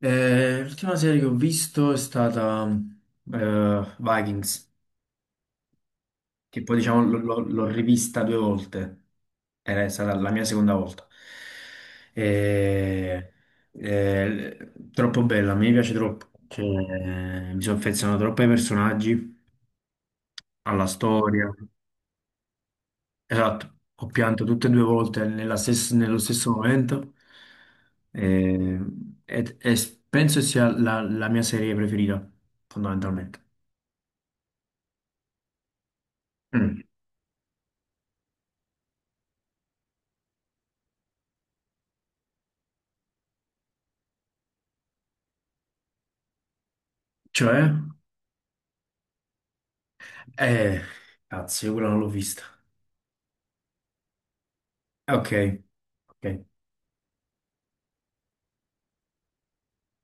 L'ultima serie che ho visto è stata Vikings, che poi diciamo l'ho rivista due volte, era stata la mia seconda volta. E- Troppo bella, mi piace troppo. Cioè, mi sono affezionato troppo ai personaggi, alla storia. Esatto, ho pianto tutte e due volte nella nello stesso momento e, penso sia la mia serie preferita, fondamentalmente. Mm. Cioè? Eh, cazzo, io quella non l'ho vista. Ok, ok.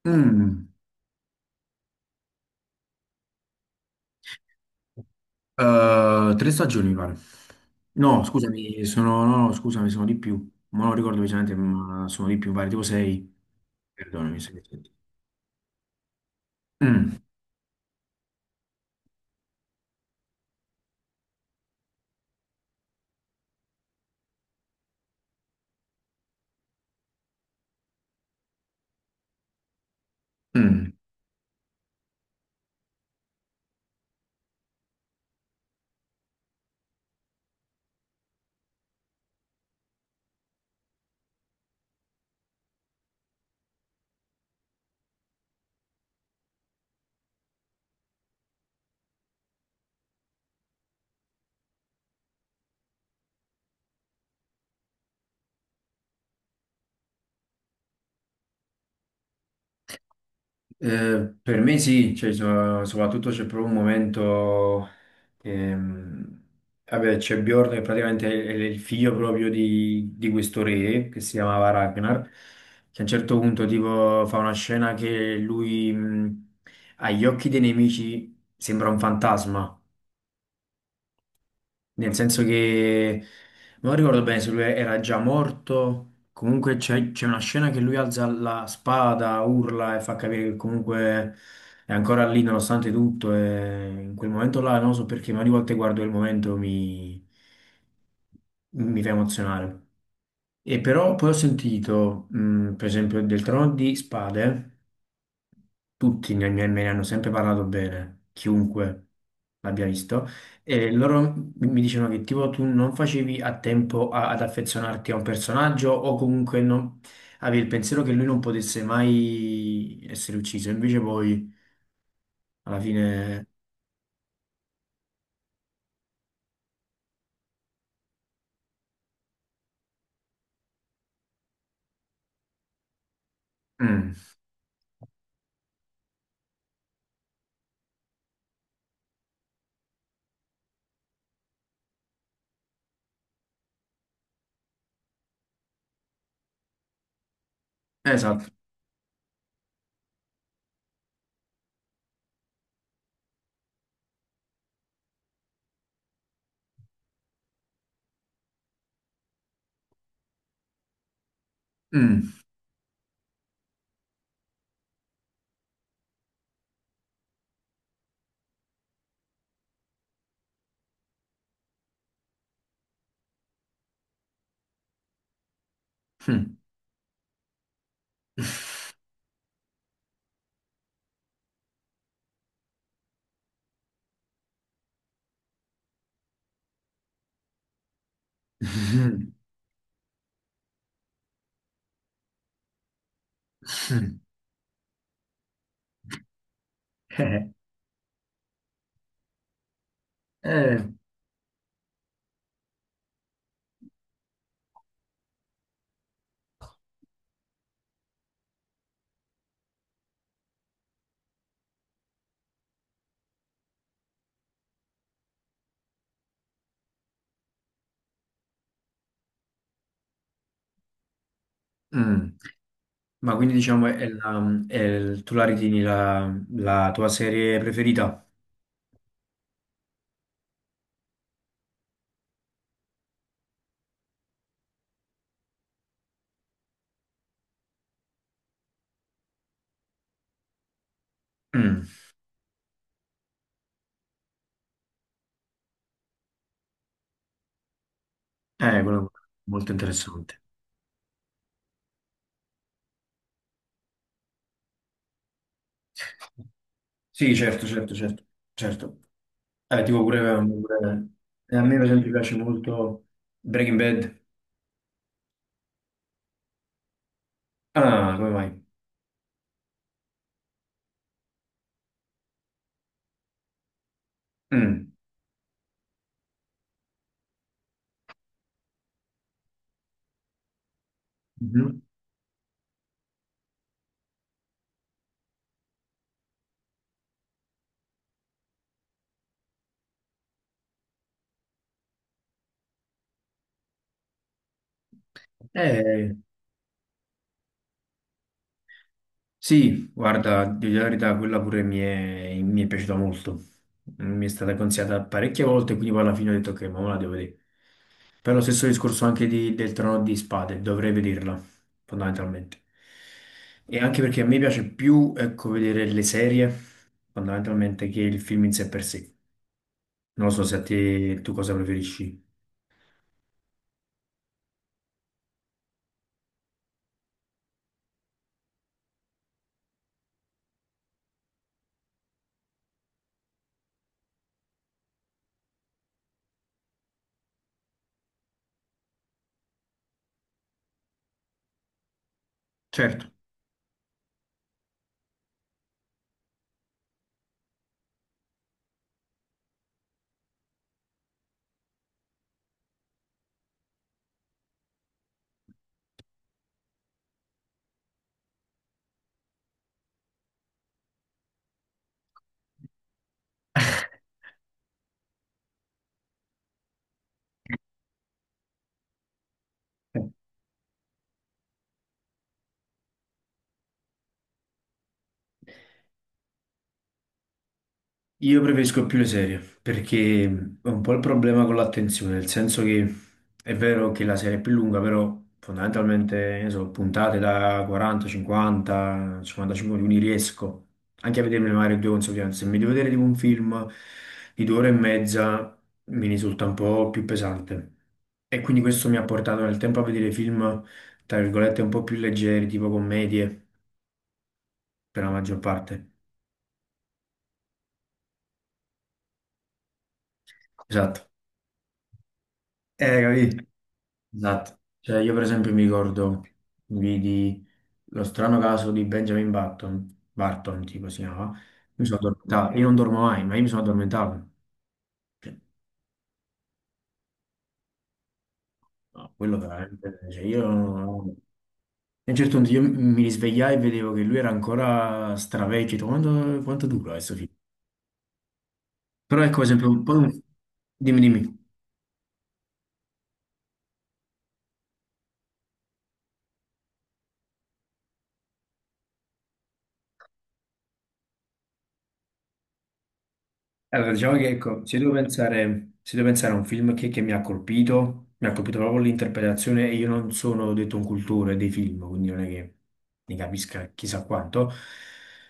Mm. Tre stagioni, mi pare. No, scusami, sono, no, no, scusami, sono di più. Ma non ricordo precisamente, ma sono di più, mi pare tipo sei. Perdonami se mi senti. Mm, mm. Per me sì. Cioè, soprattutto c'è proprio un momento che, vabbè, c'è Bjorn che praticamente è il figlio proprio di questo re che si chiamava Ragnar, che a un certo punto tipo fa una scena che lui agli occhi dei nemici sembra un fantasma. Nel senso che non ricordo bene se lui era già morto. Comunque c'è una scena che lui alza la spada, urla e fa capire che comunque è ancora lì nonostante tutto. E in quel momento là, non lo so perché, ma ogni volta che guardo quel momento mi, mi fa emozionare. E però poi ho sentito, per esempio, del Trono di Spade tutti me ne hanno sempre parlato bene, chiunque l'abbia visto, e loro mi dicevano che tipo tu non facevi a tempo ad affezionarti a un personaggio o comunque avevi il pensiero che lui non potesse mai essere ucciso, invece poi alla fine... Mm, esatto. Mm, mm. Eh, eh, mm. Ma quindi diciamo è tu la ritieni la, la tua serie preferita? Mm. Quello è molto interessante. Sì, certo, certo, certo, certo. Tipo pure, a me per esempio piace molto Breaking Bad. Ah, come mai? Mm. Mhm. Eh, sì, guarda, di dire la verità, quella pure mi è piaciuta molto. Mi è stata consigliata parecchie volte, quindi poi alla fine ho detto che ma me la devo vedere. Per lo stesso discorso anche del trono di spade, dovrei vederla, fondamentalmente. E anche perché a me piace più, ecco, vedere le serie, fondamentalmente, che il film in sé per sé. Non lo so se a te tu cosa preferisci. Certo. Eh. Io preferisco più le serie perché è un po' il problema con l'attenzione, nel senso che è vero che la serie è più lunga, però fondamentalmente ne so, puntate da 40, 50, 55 minuti riesco anche a vedermi magari due consecutive. Se mi devo vedere tipo un film di due ore e mezza mi risulta un po' più pesante. E quindi questo mi ha portato nel tempo a vedere film, tra virgolette, un po' più leggeri, tipo commedie, per la maggior parte. Esatto. Capì? Esatto, cioè io per esempio mi ricordo, vidi lo strano caso di Benjamin Button, Barton tipo si chiamava, mi sono addormentato, io non dormo mai, ma io mi sono addormentato. Cioè, no, quello veramente, cioè io, non- E a un certo punto io mi risvegliai e vedevo che lui era ancora stravecchio, ho detto, quanto, quanto dura questo film? Però ecco per esempio, poi un- dimmi. Allora, diciamo che ecco, se devo pensare, se devo pensare a un film che mi ha colpito proprio l'interpretazione e io non sono detto un cultore dei film, quindi non è che ne capisca chissà quanto.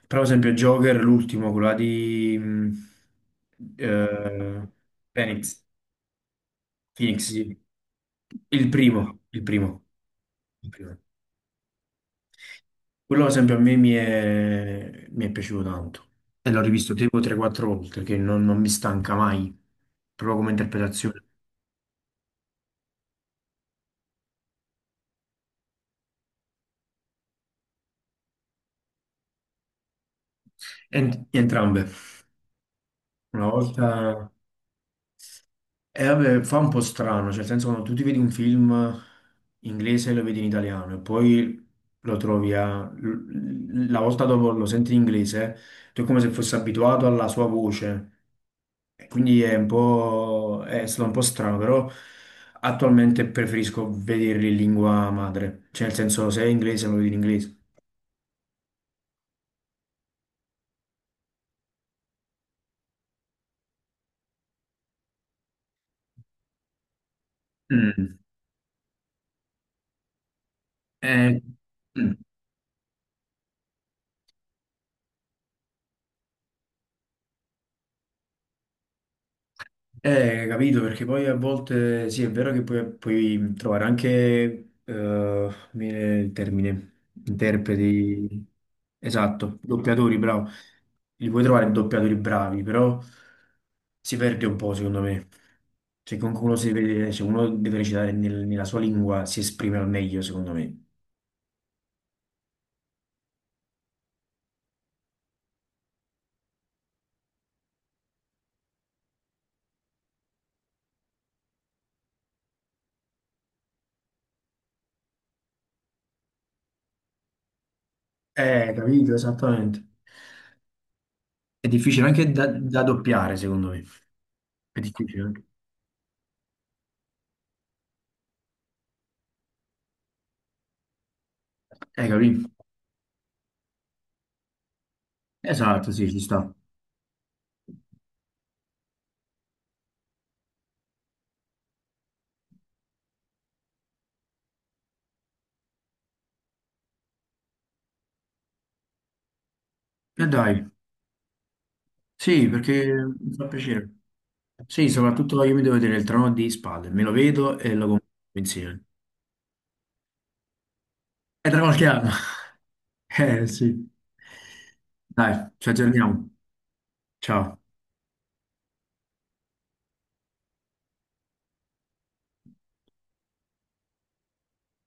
Però, ad esempio, Joker, l'ultimo, quello là di eh, Phoenix, Phoenix, sì. Il primo, il primo. Quello, ad esempio, a me mi è piaciuto tanto e l'ho rivisto tipo 3-4 volte, che non, non mi stanca mai, proprio come interpretazione. Entrambe. Una volta... E vabbè, fa un po' strano, cioè nel senso quando tu ti vedi un film inglese e lo vedi in italiano e poi lo trovi a... la volta dopo lo senti in inglese, tu è come se fossi abituato alla sua voce. E quindi è un po'... è stato un po' strano, però attualmente preferisco vederli in lingua madre. Cioè nel senso se è inglese lo vedi in inglese. Mm. Eh, mm. Capito, perché poi a volte sì, è vero che puoi, puoi trovare anche, mi viene il termine, interpreti, esatto, doppiatori, bravo, li puoi trovare doppiatori bravi, però si perde un po', secondo me. Cioè, comunque uno, si deve, se uno deve recitare nella sua lingua, si esprime al meglio, secondo me. Capito, esattamente. È difficile anche da, da doppiare, secondo me. È difficile anche. Capito? Esatto, sì, ci sta. E dai. Sì, perché mi fa piacere. Sì, soprattutto io mi devo vedere il trono di spalle, me lo vedo e lo compro insieme. È tra qualche anno. Eh sì. Dai, ci aggiorniamo. Ciao.